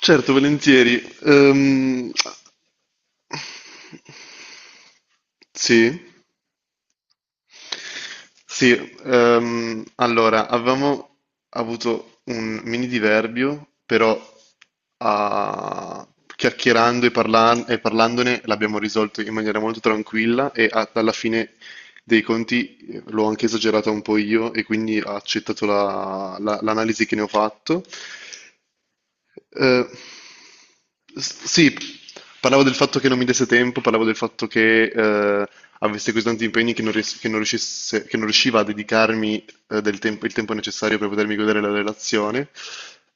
Certo, volentieri. Sì, sì. Allora, avevamo avuto un mini diverbio, però a- chiacchierando e, e parlandone l'abbiamo risolto in maniera molto tranquilla e alla fine dei conti l'ho anche esagerata un po' io e quindi ha accettato l'analisi che ne ho fatto. Eh, sì, parlavo del fatto che non mi desse tempo, parlavo del fatto che avessi così tanti impegni che non, ries- che non riuscisse- che non riusciva a dedicarmi il tempo necessario per potermi godere la relazione.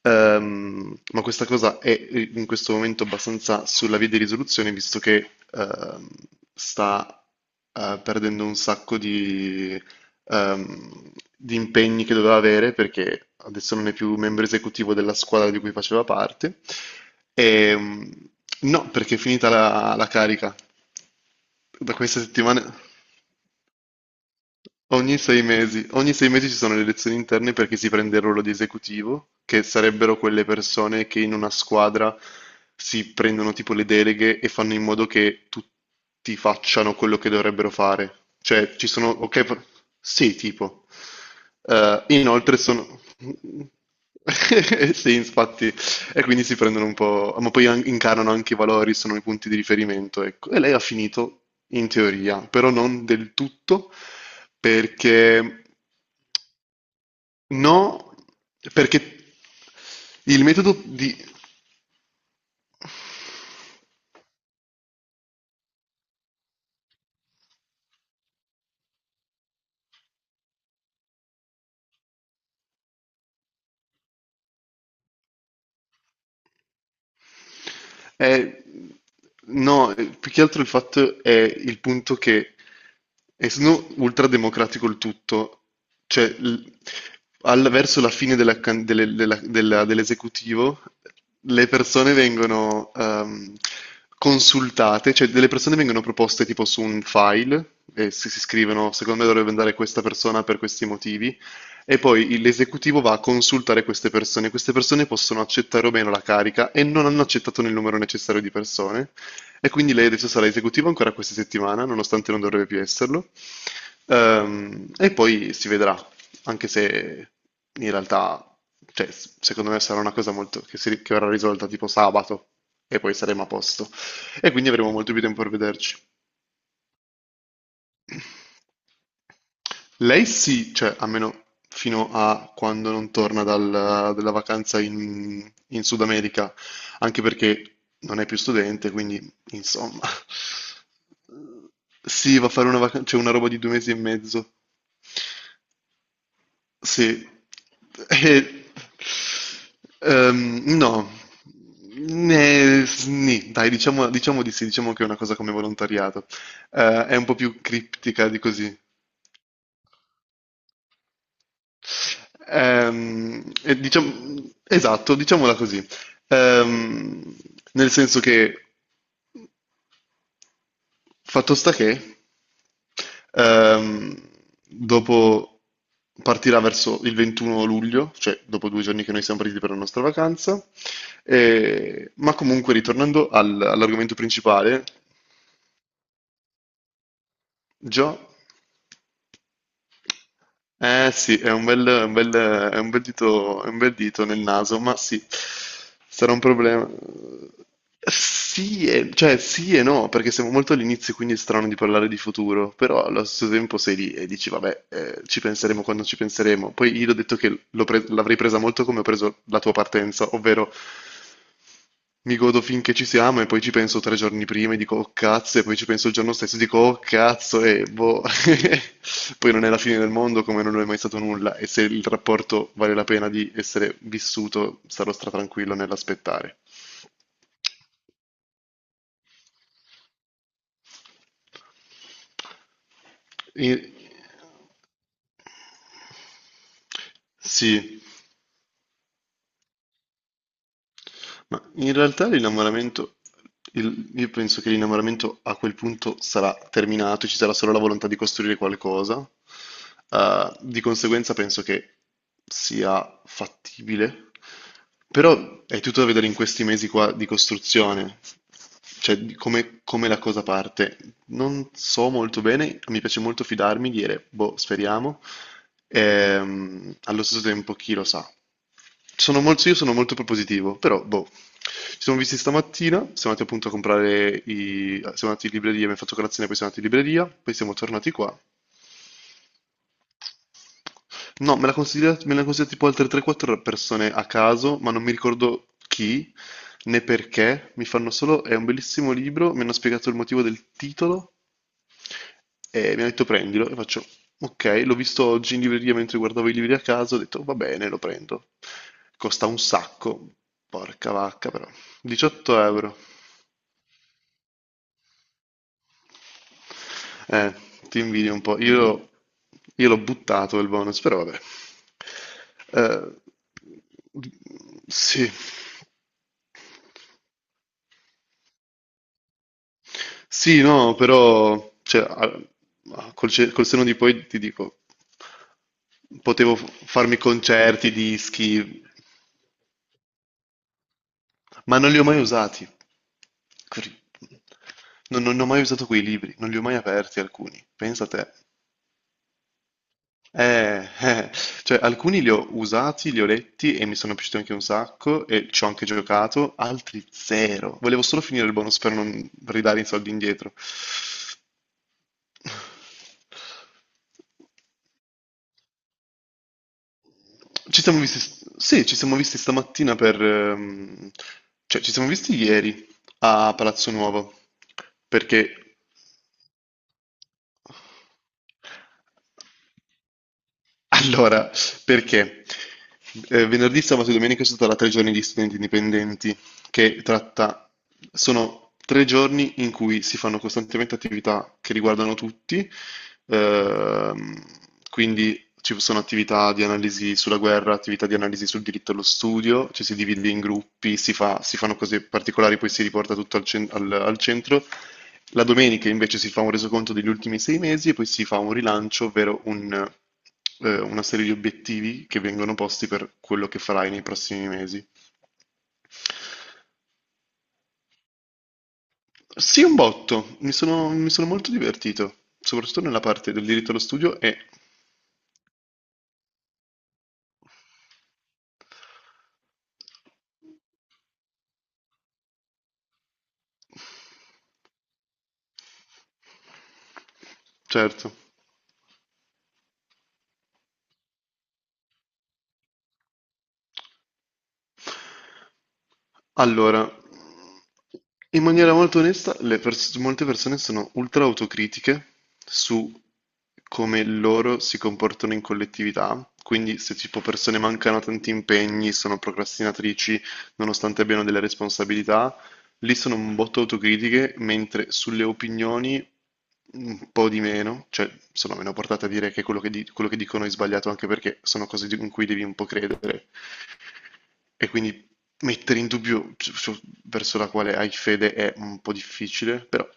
Ma questa cosa è in questo momento abbastanza sulla via di risoluzione, visto che sta perdendo un sacco ehm, di impegni che doveva avere perché adesso non è più membro esecutivo della squadra di cui faceva parte. E, no, perché è finita la carica. Da questa settimana, ogni 6 mesi, ogni 6 mesi ci sono le elezioni interne perché si prende il ruolo di esecutivo, che sarebbero quelle persone che in una squadra si prendono tipo le deleghe e fanno in modo che tutti facciano quello che dovrebbero fare. Cioè, ci sono, ok, sì, tipo. Inoltre sono… Sì, infatti, e quindi si prendono un po', ma poi incarnano anche i valori, sono i punti di riferimento, ecco. E lei ha finito in teoria, però non del tutto, perché… No, perché il metodo di… Eh, no, più che altro il fatto è il punto che, essendo ultrademocratico il tutto, cioè verso la fine della can- delle- della- della- dell'esecutivo, le persone vengono consultate, cioè delle persone vengono proposte tipo su un file, e se si scrivono, secondo me dovrebbe andare questa persona per questi motivi, e poi l'esecutivo va a consultare queste persone. Queste persone possono accettare o meno la carica e non hanno accettato nel numero necessario di persone. E quindi lei adesso sarà esecutiva ancora questa settimana, nonostante non dovrebbe più esserlo. E poi si vedrà, anche se in realtà, cioè, secondo me sarà una cosa molto, che, che verrà risolta tipo sabato e poi saremo a posto. E quindi avremo molto più tempo per vederci. Lei sì, cioè almeno fino a quando non torna dalla vacanza in Sud America, anche perché non è più studente, quindi insomma, sì, va a fare una vacanza, c'è una roba di 2 mesi e mezzo, sì. E- no. Nì, dai, diciamo, diciamo di sì, diciamo che è una cosa come volontariato. È un po' più criptica di così. Esatto, diciamola così. Ehm, Nel senso che, fatto sta che, ehm, dopo partirà verso il 21 luglio, cioè dopo 2 giorni che noi siamo partiti per la nostra vacanza, ma comunque ritornando all'argomento principale. Già. Eh sì, è un bel dito nel naso, ma sì, sarà un problema. Sì, cioè sì e no, perché siamo molto all'inizio, quindi è strano di parlare di futuro, però allo stesso tempo sei lì e dici, vabbè, ci penseremo quando ci penseremo. Poi io l'ho detto che l'avrei presa molto come ho preso la tua partenza, ovvero mi godo finché ci siamo e poi ci penso 3 giorni prima e dico "Oh cazzo" e poi ci penso il giorno stesso e dico "Oh cazzo" e boh. Poi non è la fine del mondo come non lo è mai stato nulla e se il rapporto vale la pena di essere vissuto sarò stratranquillo nell'aspettare. E- Sì. Ma in realtà l'innamoramento, io penso che l'innamoramento a quel punto sarà terminato, ci sarà solo la volontà di costruire qualcosa. Di conseguenza penso che sia fattibile, però è tutto da vedere in questi mesi qua di costruzione, cioè di come la cosa parte. Non so molto bene, mi piace molto fidarmi, dire, boh, speriamo. Allo stesso tempo, chi lo sa? Io sono molto propositivo, però boh. Ci siamo visti stamattina, siamo andati appunto a comprare i... siamo andati in libreria, abbiamo fatto colazione, poi siamo andati in libreria, poi siamo tornati qua. No, me l'hanno consigliato tipo altre 3-4 persone a caso, ma non mi ricordo chi né perché. Mi fanno solo, è un bellissimo libro, mi hanno spiegato il motivo del titolo e mi hanno detto prendilo e faccio, ok, l'ho visto oggi in libreria mentre guardavo i libri a caso, ho detto va bene, lo prendo. Costa un sacco, porca vacca però, 18 euro. Eh, Ti invidio un po'. Io l'ho buttato il bonus, però vabbè. Eh, sì, sì, no, però cioè, col senno di poi ti dico, potevo farmi concerti, dischi, ma non li ho mai usati. Cri- non ho mai usato quei libri, non li ho mai aperti alcuni. Pensa a te. Eh, eh, cioè alcuni li ho usati, li ho letti e mi sono piaciuti anche un sacco e ci ho anche giocato, altri zero. Volevo solo finire il bonus per non ridare i soldi indietro. Ci siamo visti, sì, ci siamo visti stamattina per, cioè ci siamo visti ieri a Palazzo Nuovo, perché… Allora, perché venerdì, sabato e domenica ci sarà 3 giorni di studenti indipendenti, che tratta, sono 3 giorni in cui si fanno costantemente attività che riguardano tutti, ehm, quindi ci sono attività di analisi sulla guerra, attività di analisi sul diritto allo studio, ci si divide in gruppi, si fanno cose particolari, poi si riporta tutto al centro. La domenica invece si fa un resoconto degli ultimi 6 mesi e poi si fa un rilancio, ovvero un, una serie di obiettivi che vengono posti per quello che farai nei prossimi mesi. Sì, un botto, mi sono molto divertito, soprattutto nella parte del diritto allo studio e… Certo. Allora, in maniera molto onesta, molte persone sono ultra autocritiche su come loro si comportano in collettività. Quindi, se tipo persone mancano a tanti impegni, sono procrastinatrici, nonostante abbiano delle responsabilità, lì sono un botto autocritiche, mentre sulle opinioni un po' di meno, cioè sono meno portate a dire che quello che dicono è sbagliato, anche perché sono cose in cui devi un po' credere. E quindi mettere in dubbio verso la quale hai fede è un po' difficile, però…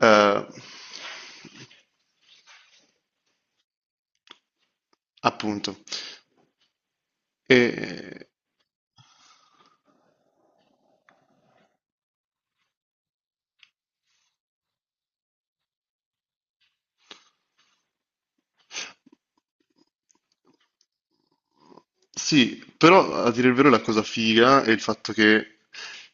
Eh, appunto. E, sì, però a dire il vero la cosa figa è il fatto che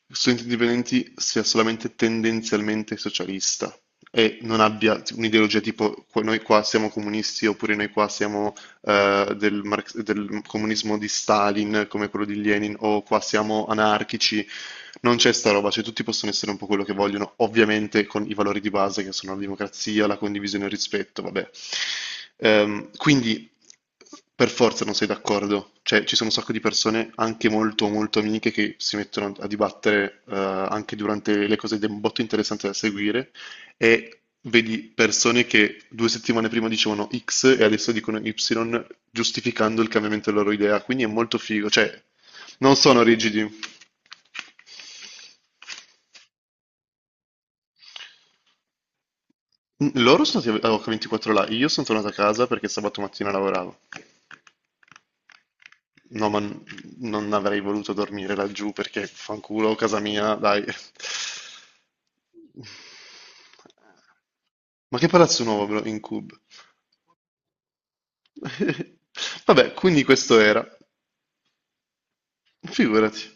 Studenti Indipendenti sia solamente tendenzialmente socialista e non abbia un'ideologia tipo noi qua siamo comunisti oppure noi qua siamo del comunismo di Stalin come quello di Lenin, o qua siamo anarchici", non c'è sta roba, cioè tutti possono essere un po' quello che vogliono, ovviamente con i valori di base che sono la democrazia, la condivisione e il rispetto, vabbè. Quindi per forza non sei d'accordo, cioè ci sono un sacco di persone anche molto molto amiche che si mettono a dibattere anche durante le cose ed è un botto interessante da seguire, e vedi persone che 2 settimane prima dicevano X e adesso dicono Y, giustificando il cambiamento della loro idea. Quindi è molto figo, cioè non sono rigidi. Loro sono stati a H24 là, io sono tornato a casa perché sabato mattina lavoravo. No, ma non avrei voluto dormire laggiù perché fanculo, casa mia, dai. Ma che palazzo nuovo, bro, in Cube? Vabbè, quindi questo era. Figurati.